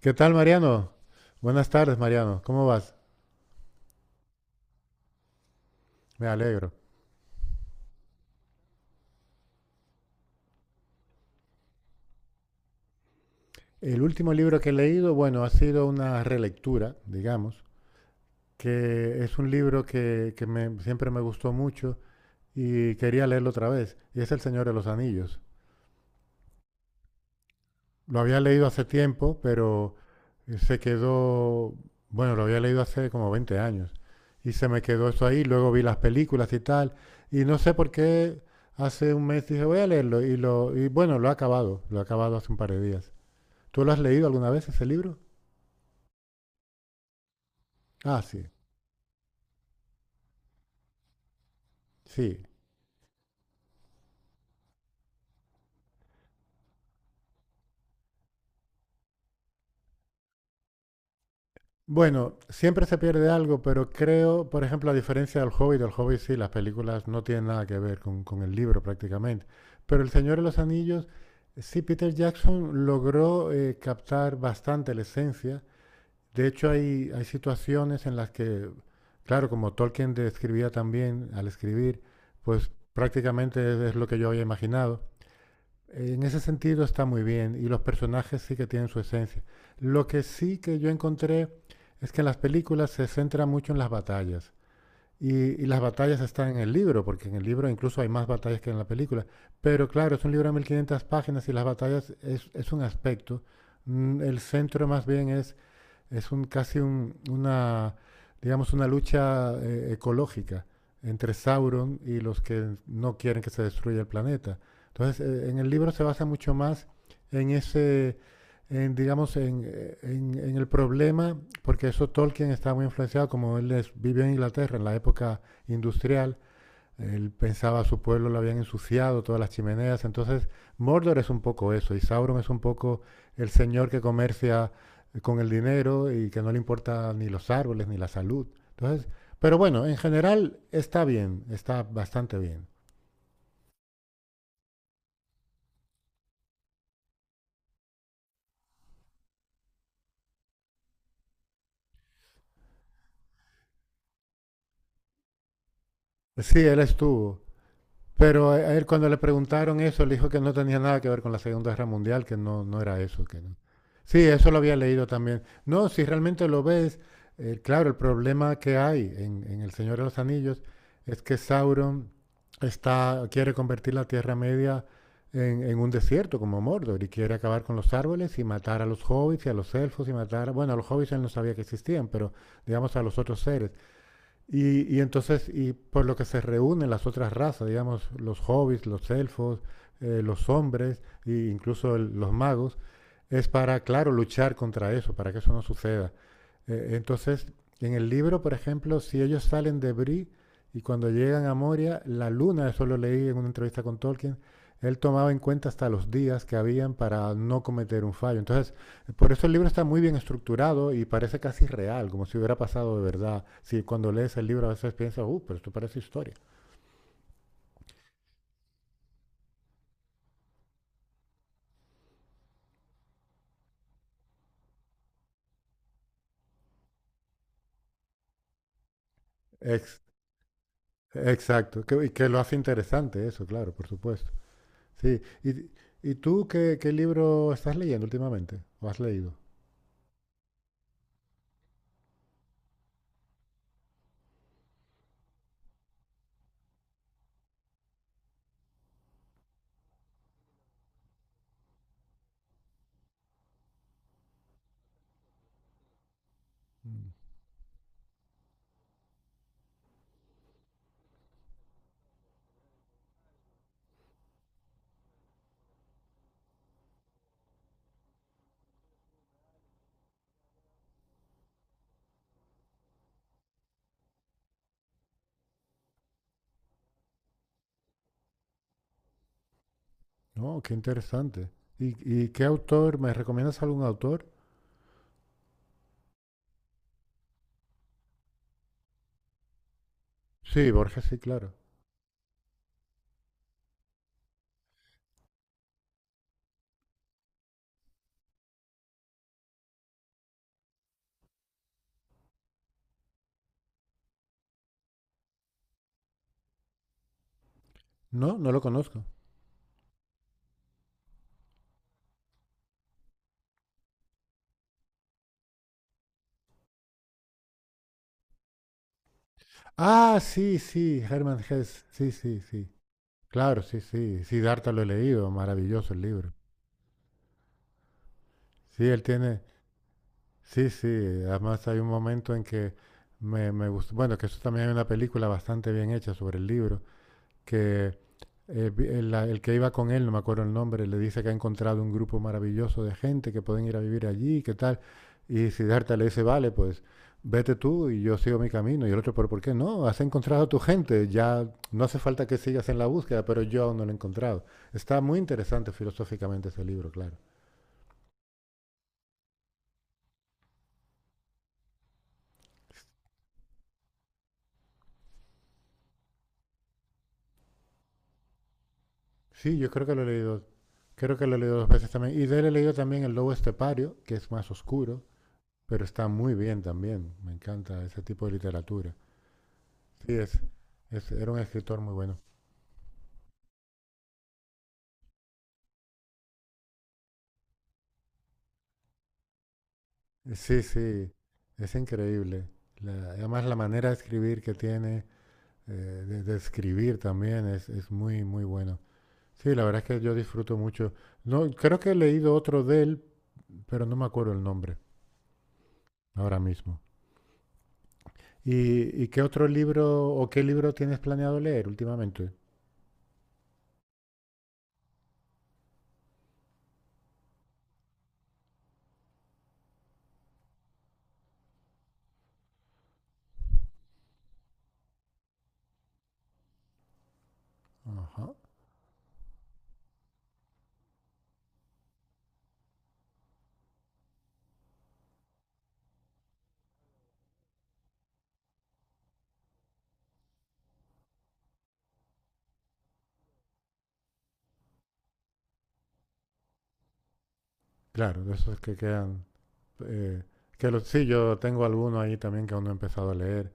¿Qué tal, Mariano? Buenas tardes, Mariano. ¿Cómo vas? Me alegro. El último libro que he leído, bueno, ha sido una relectura, digamos, que es un libro que siempre me gustó mucho y quería leerlo otra vez, y es El Señor de los Anillos. Lo había leído hace tiempo, pero se quedó, bueno, lo había leído hace como 20 años y se me quedó eso ahí, luego vi las películas y tal, y no sé por qué hace un mes dije, voy a leerlo, y bueno, lo he acabado hace un par de días. ¿Tú lo has leído alguna vez ese libro? Ah, sí, sí. Bueno, siempre se pierde algo, pero creo, por ejemplo, a diferencia del Hobbit, el Hobbit sí, las películas no tienen nada que ver con el libro prácticamente. Pero El Señor de los Anillos, sí, Peter Jackson logró captar bastante la esencia. De hecho, hay situaciones en las que, claro, como Tolkien describía también al escribir, pues prácticamente es lo que yo había imaginado. En ese sentido está muy bien y los personajes sí que tienen su esencia. Lo que sí que yo encontré es que en las películas se centra mucho en las batallas. Y, y las batallas están en el libro, porque en el libro incluso hay más batallas que en la película. Pero claro, es un libro de 1500 páginas y las batallas es un aspecto. El centro más bien es un, casi un- una, digamos, una lucha ecológica entre Sauron y los que no quieren que se destruya el planeta. Entonces, en el libro se basa mucho más en ese, digamos, en el problema, porque eso Tolkien estaba muy influenciado, como vivió en Inglaterra en la época industrial, él pensaba a su pueblo lo habían ensuciado, todas las chimeneas. Entonces, Mordor es un poco eso, y Sauron es un poco el señor que comercia con el dinero y que no le importa ni los árboles ni la salud. Entonces, pero bueno, en general está bien, está bastante bien. Sí, él estuvo. Pero a él cuando le preguntaron eso, le dijo que no tenía nada que ver con la Segunda Guerra Mundial, que no, no era eso. Que no. Sí, eso lo había leído también. No, si realmente lo ves, claro, el problema que hay en El Señor de los Anillos es que Sauron quiere convertir la Tierra Media en un desierto como Mordor y quiere acabar con los árboles y matar a los hobbits y a los elfos y matar, bueno, a los hobbits él no sabía que existían, pero digamos a los otros seres. Y entonces, y por lo que se reúnen las otras razas, digamos, los hobbits, los elfos, los hombres e incluso los magos, es para, claro, luchar contra eso, para que eso no suceda. Entonces, en el libro, por ejemplo, si ellos salen de Bree y cuando llegan a Moria, la luna, eso lo leí en una entrevista con Tolkien, él tomaba en cuenta hasta los días que habían para no cometer un fallo. Entonces, por eso el libro está muy bien estructurado y parece casi real, como si hubiera pasado de verdad. Si cuando lees el libro a veces piensas, pero esto parece historia. Ex- exacto, que, y que lo hace interesante eso, claro, por supuesto. Sí. ¿ y tú qué libro estás leyendo últimamente? ¿O has leído? No, qué interesante. ¿ y qué autor? ¿Me recomiendas algún autor? Sí, Borges, sí, claro. No, no lo conozco. Ah, sí, sí, Hermann Hesse. Sí, sí, sí. Claro, sí, sí. Siddhartha lo he leído, maravilloso el libro. Sí, él tiene, sí, sí, además hay un momento en que me gustó, bueno, que eso también hay una película bastante bien hecha sobre el libro, que el que iba con él, no me acuerdo el nombre, le dice que ha encontrado un grupo maravilloso de gente que pueden ir a vivir allí, qué tal, y Siddhartha le dice, vale, pues vete tú y yo sigo mi camino, y el otro, pero ¿por qué no? Has encontrado a tu gente, ya no hace falta que sigas en la búsqueda, pero yo aún no lo he encontrado. Está muy interesante filosóficamente ese libro, claro. Sí, yo creo que lo he leído Creo que lo he leído dos veces también. Y de él he leído también El Lobo Estepario, que es más oscuro, pero está muy bien también. Me encanta ese tipo de literatura. Sí, es, era un escritor muy bueno. Sí, sí, es increíble. Además, la manera de escribir que tiene, de escribir también, es muy, muy bueno. Sí, la verdad es que yo disfruto mucho. No, creo que he leído otro de él, pero no me acuerdo el nombre ahora mismo. ¿ y qué otro libro o qué libro tienes planeado leer últimamente? Ajá. Claro, de esos que quedan. eh, sí, yo tengo alguno ahí también que aún no he empezado a leer,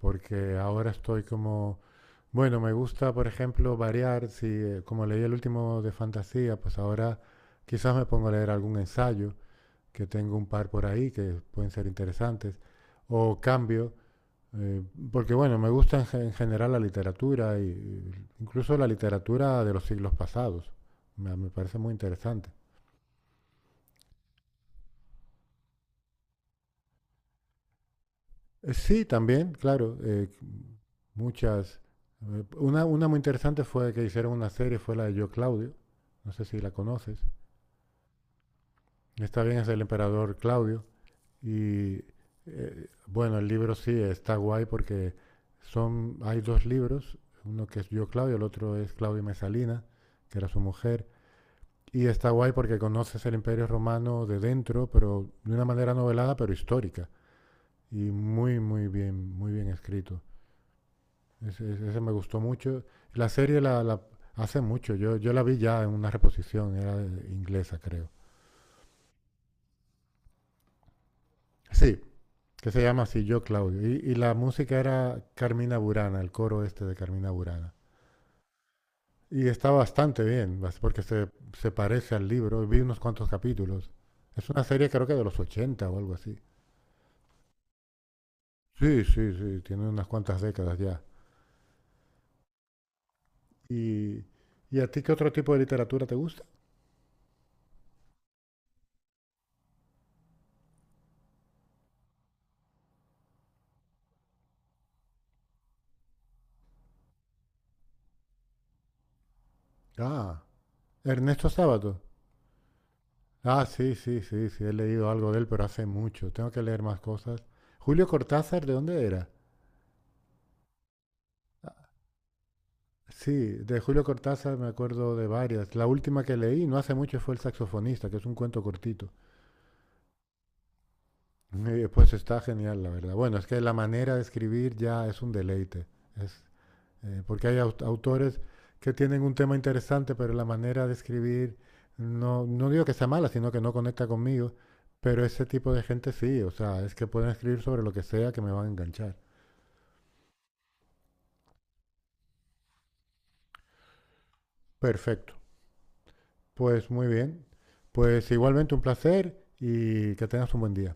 porque ahora estoy como, bueno, me gusta, por ejemplo, variar. Si, como leí el último de fantasía, pues ahora quizás me pongo a leer algún ensayo, que tengo un par por ahí que pueden ser interesantes, o cambio, eh, porque bueno, me gusta en general la literatura, y incluso la literatura de los siglos pasados. Me parece muy interesante. Sí, también, claro. Muchas. Una muy interesante fue que hicieron una serie, fue la de Yo Claudio. No sé si la conoces. Está bien, es el emperador Claudio. Y bueno, el libro sí está guay porque hay dos libros, uno que es Yo Claudio, el otro es Claudio Mesalina, que era su mujer. Y está guay porque conoces el Imperio Romano de dentro, pero de una manera novelada, pero histórica. Y muy, muy bien escrito. Me gustó mucho. La serie hace mucho. Yo la vi ya en una reposición, era inglesa, creo. Sí, que se llama así, Yo Claudio. Y la música era Carmina Burana, el coro este de Carmina Burana. Y está bastante bien, porque se parece al libro. Vi unos cuantos capítulos. Es una serie creo que de los 80 o algo así. Sí, sí, sí, tiene unas cuantas décadas ya. ¿Y, ¿Y a ti qué otro tipo de literatura te gusta? Ah, Ernesto Sábato. Ah, sí, sí, sí, sí, he leído algo de él, pero hace mucho. Tengo que leer más cosas. Julio Cortázar, ¿de dónde era? Sí, de Julio Cortázar me acuerdo de varias. La última que leí no hace mucho fue El saxofonista, que es un cuento cortito. Y pues está genial, la verdad. Bueno, es que la manera de escribir ya es un deleite. Es, Porque hay autores que tienen un tema interesante, pero la manera de escribir, no, no digo que sea mala, sino que no conecta conmigo. Pero ese tipo de gente sí, o sea, es que pueden escribir sobre lo que sea que me van a enganchar. Perfecto. Pues muy bien. Pues igualmente un placer y que tengas un buen día.